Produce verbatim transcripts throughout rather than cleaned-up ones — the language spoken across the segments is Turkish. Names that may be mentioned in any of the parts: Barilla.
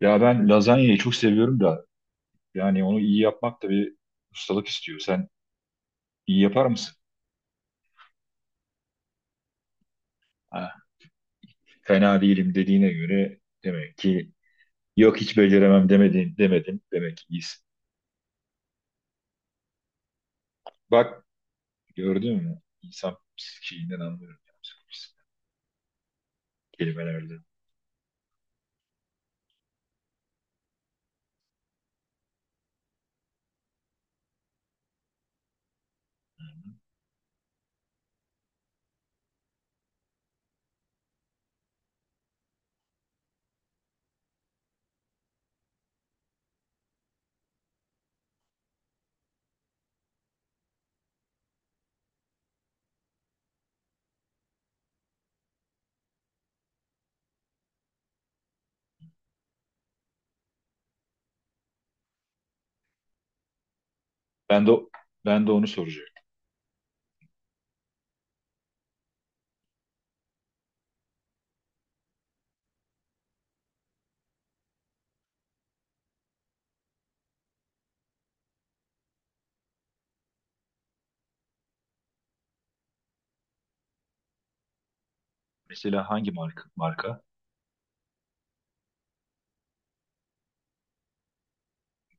Ya ben lazanyayı çok seviyorum da yani onu iyi yapmak da bir ustalık istiyor. Sen iyi yapar mısın? Ha, Fena değilim dediğine göre demek ki yok hiç beceremem demedin demedin demek ki iyisin. Bak gördün mü? İnsan psikiğinden anlıyorum. Ya, psikolojisinden, kelimelerde. Hı hı. Ben de ben de onu soracaktım. Mesela hangi marka? Marka?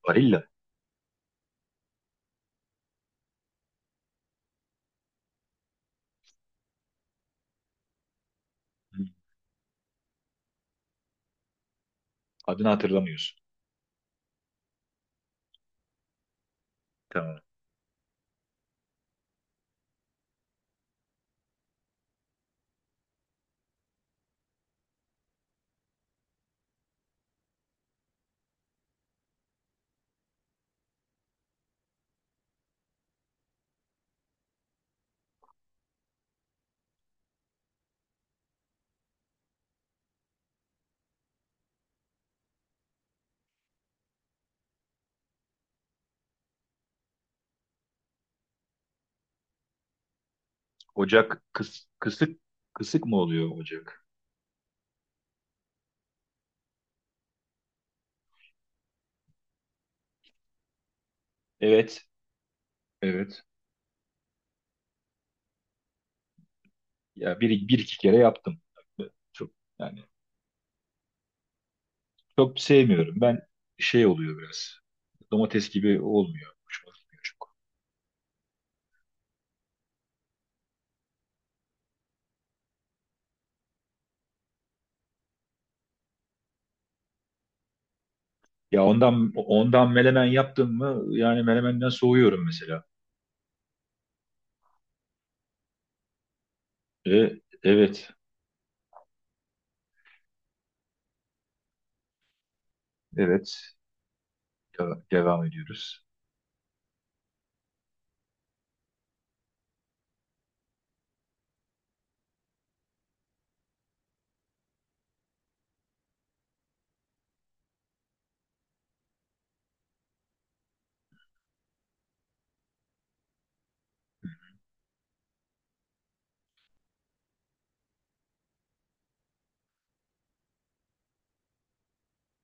Barilla. Hı. Adını hatırlamıyorsun. Tamam. Ocak kıs, kısık, kısık mı oluyor ocak? Evet. Evet. Ya bir, bir iki kere yaptım. Çok yani çok sevmiyorum. Ben şey oluyor biraz. Domates gibi olmuyor. Hoşuma gitmiyor çok. Ya ondan ondan melemen yaptım mı? Yani melemenden soğuyorum mesela. E, evet. Evet. Ya, devam ediyoruz.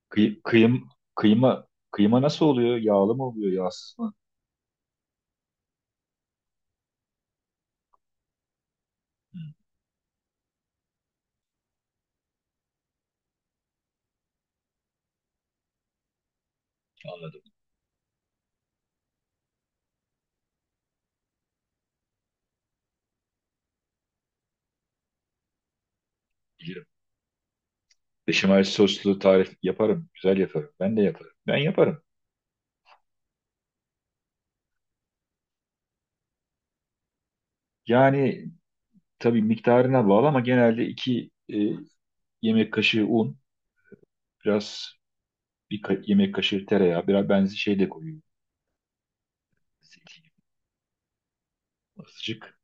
Kıy- kıyım kıyma kıyma nasıl oluyor? Yağlı mı oluyor, yağsız mı? Hı, anladım. Bilirim. Beşamel soslu tarif yaparım. Güzel yaparım. Ben de yaparım. Ben yaparım. Yani tabii miktarına bağlı ama genelde iki e, yemek kaşığı un, biraz bir ka- yemek kaşığı tereyağı, biraz benzi şey de koyuyorum. Zeytinyağı azıcık.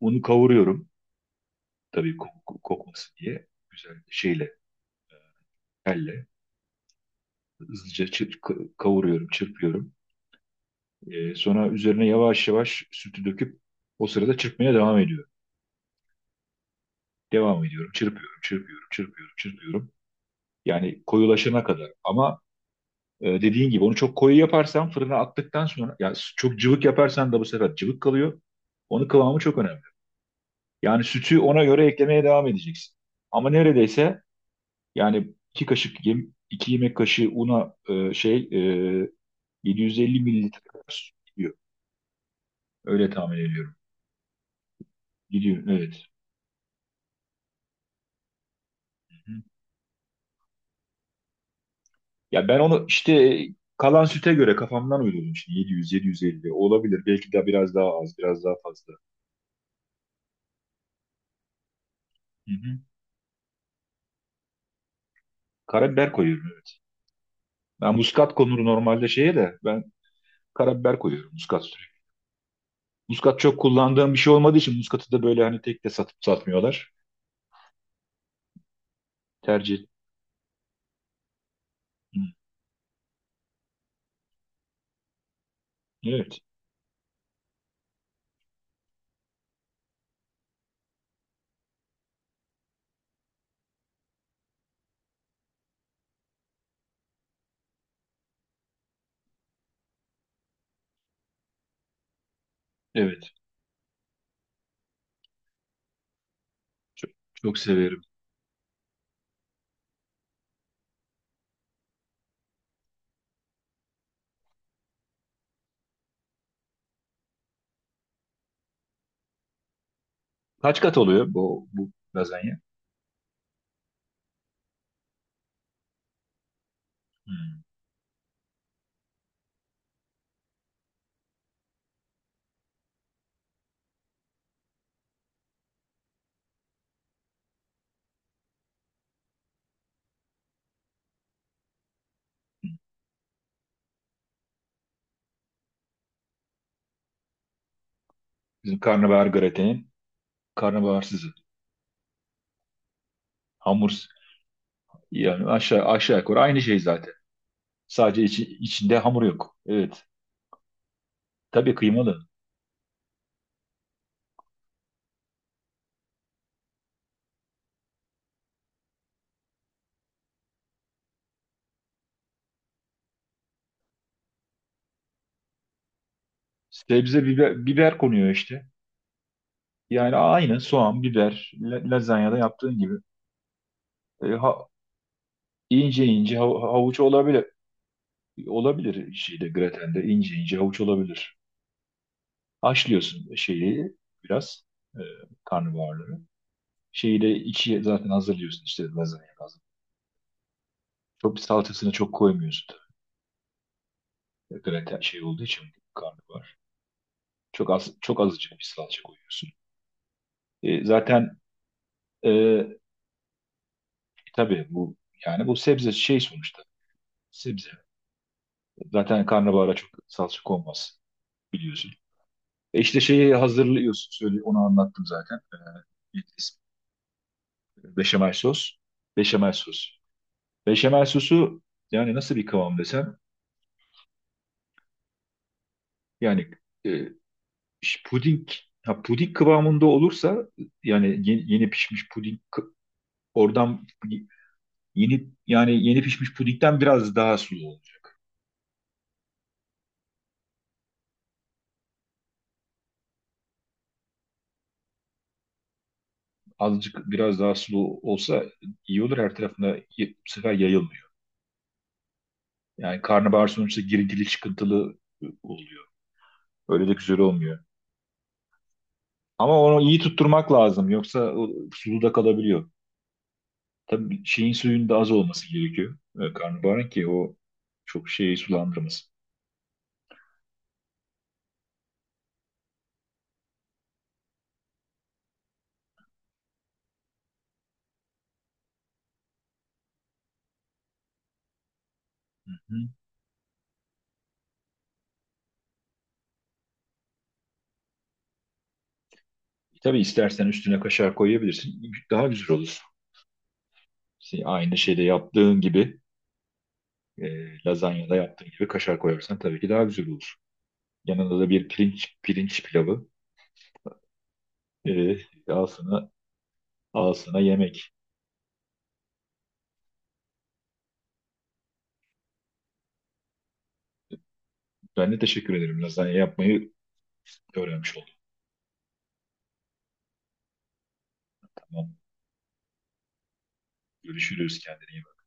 Unu kavuruyorum. Tabii ko- kokmasın diye. Güzel şeyle, elle. Hızlıca çır- ka- kavuruyorum, çırpıyorum. Ee, sonra üzerine yavaş yavaş sütü döküp o sırada çırpmaya devam ediyorum. Devam ediyorum, çırpıyorum, çırpıyorum, çırpıyorum, çırpıyorum. Yani koyulaşana kadar. Ama e, dediğin gibi onu çok koyu yaparsan fırına attıktan sonra, ya çok cıvık yaparsan da bu sefer cıvık kalıyor. Onun kıvamı çok önemli. Yani sütü ona göre eklemeye devam edeceksin. Ama neredeyse yani iki kaşık yem, iki yemek kaşığı una e, şey e, yedi yüz elli mililitre kadar süt gidiyor. Öyle tahmin ediyorum. Gidiyor evet. Hı. Ya ben onu işte e, kalan süte göre kafamdan uydurdum şimdi yedi yüz, yedi yüz elli olabilir. Belki de biraz daha az, biraz daha fazla. Hı hı. Karabiber koyuyorum evet. Ben muskat konur normalde şeye de ben karabiber koyuyorum muskat sürüyorum. Muskat çok kullandığım bir şey olmadığı için muskatı da böyle hani tek de satıp satmıyorlar tercih. Hı, evet, evet. Çok, çok severim. Kaç kat oluyor bu, bu lazanya? Hı. Bizim karnabahar gratenin karnabaharsızı. Hamur. Yani aşağı aşağı yukarı aynı şey zaten. Sadece içi- içinde hamur yok. Evet. Tabii kıymalı. Sebze biber, biber konuyor işte. Yani aynı soğan, biber, la- lazanyada yaptığın gibi. E, ha, ince ince hav- havuç olabilir. Olabilir şeyde gratende ince ince havuç olabilir. Haşlıyorsun şeyi biraz. e, Karnabaharları. Şeyi de içi zaten hazırlıyorsun işte lazanya lazım. Çok bir salçasını çok koymuyorsun tabii. Graten şey olduğu için karnabahar. Çok az çok azıcık bir salça koyuyorsun. E, zaten e, tabii bu yani bu sebze şey sonuçta sebze. Zaten karnabahara çok salça konmaz biliyorsun. E işte şeyi hazırlıyorsun söyle onu anlattım zaten. E, beşamel sos. Beşamel sos. Beşamel sosu yani nasıl bir kıvam desem yani e, Ş- puding, ya puding kıvamında olursa yani yeni, yeni pişmiş puding kı- oradan yeni yani yeni pişmiş pudingden biraz daha sulu olacak. Azıcık biraz daha sulu olsa iyi olur her tarafına y- bu sefer yayılmıyor. Yani karnabahar sonuçta girintili çıkıntılı e, oluyor. Öyle de güzel olmuyor. Ama onu iyi tutturmak lazım yoksa o sulu da kalabiliyor. Tabii şeyin suyun da az olması gerekiyor. e, Karnabaharın ki o çok şeyi sulandırmasın. Tabii istersen üstüne kaşar koyabilirsin. Daha güzel olur. Şey, aynı şeyde yaptığın gibi e, lazanyada yaptığın gibi kaşar koyarsan tabii ki daha güzel olur. Yanında da bir pirinç pirinç pilavı e, al sana, al sana yemek. Ben de teşekkür ederim. Lazanya yapmayı öğrenmiş oldum. Tamam. Görüşürüz. Kendine iyi bak.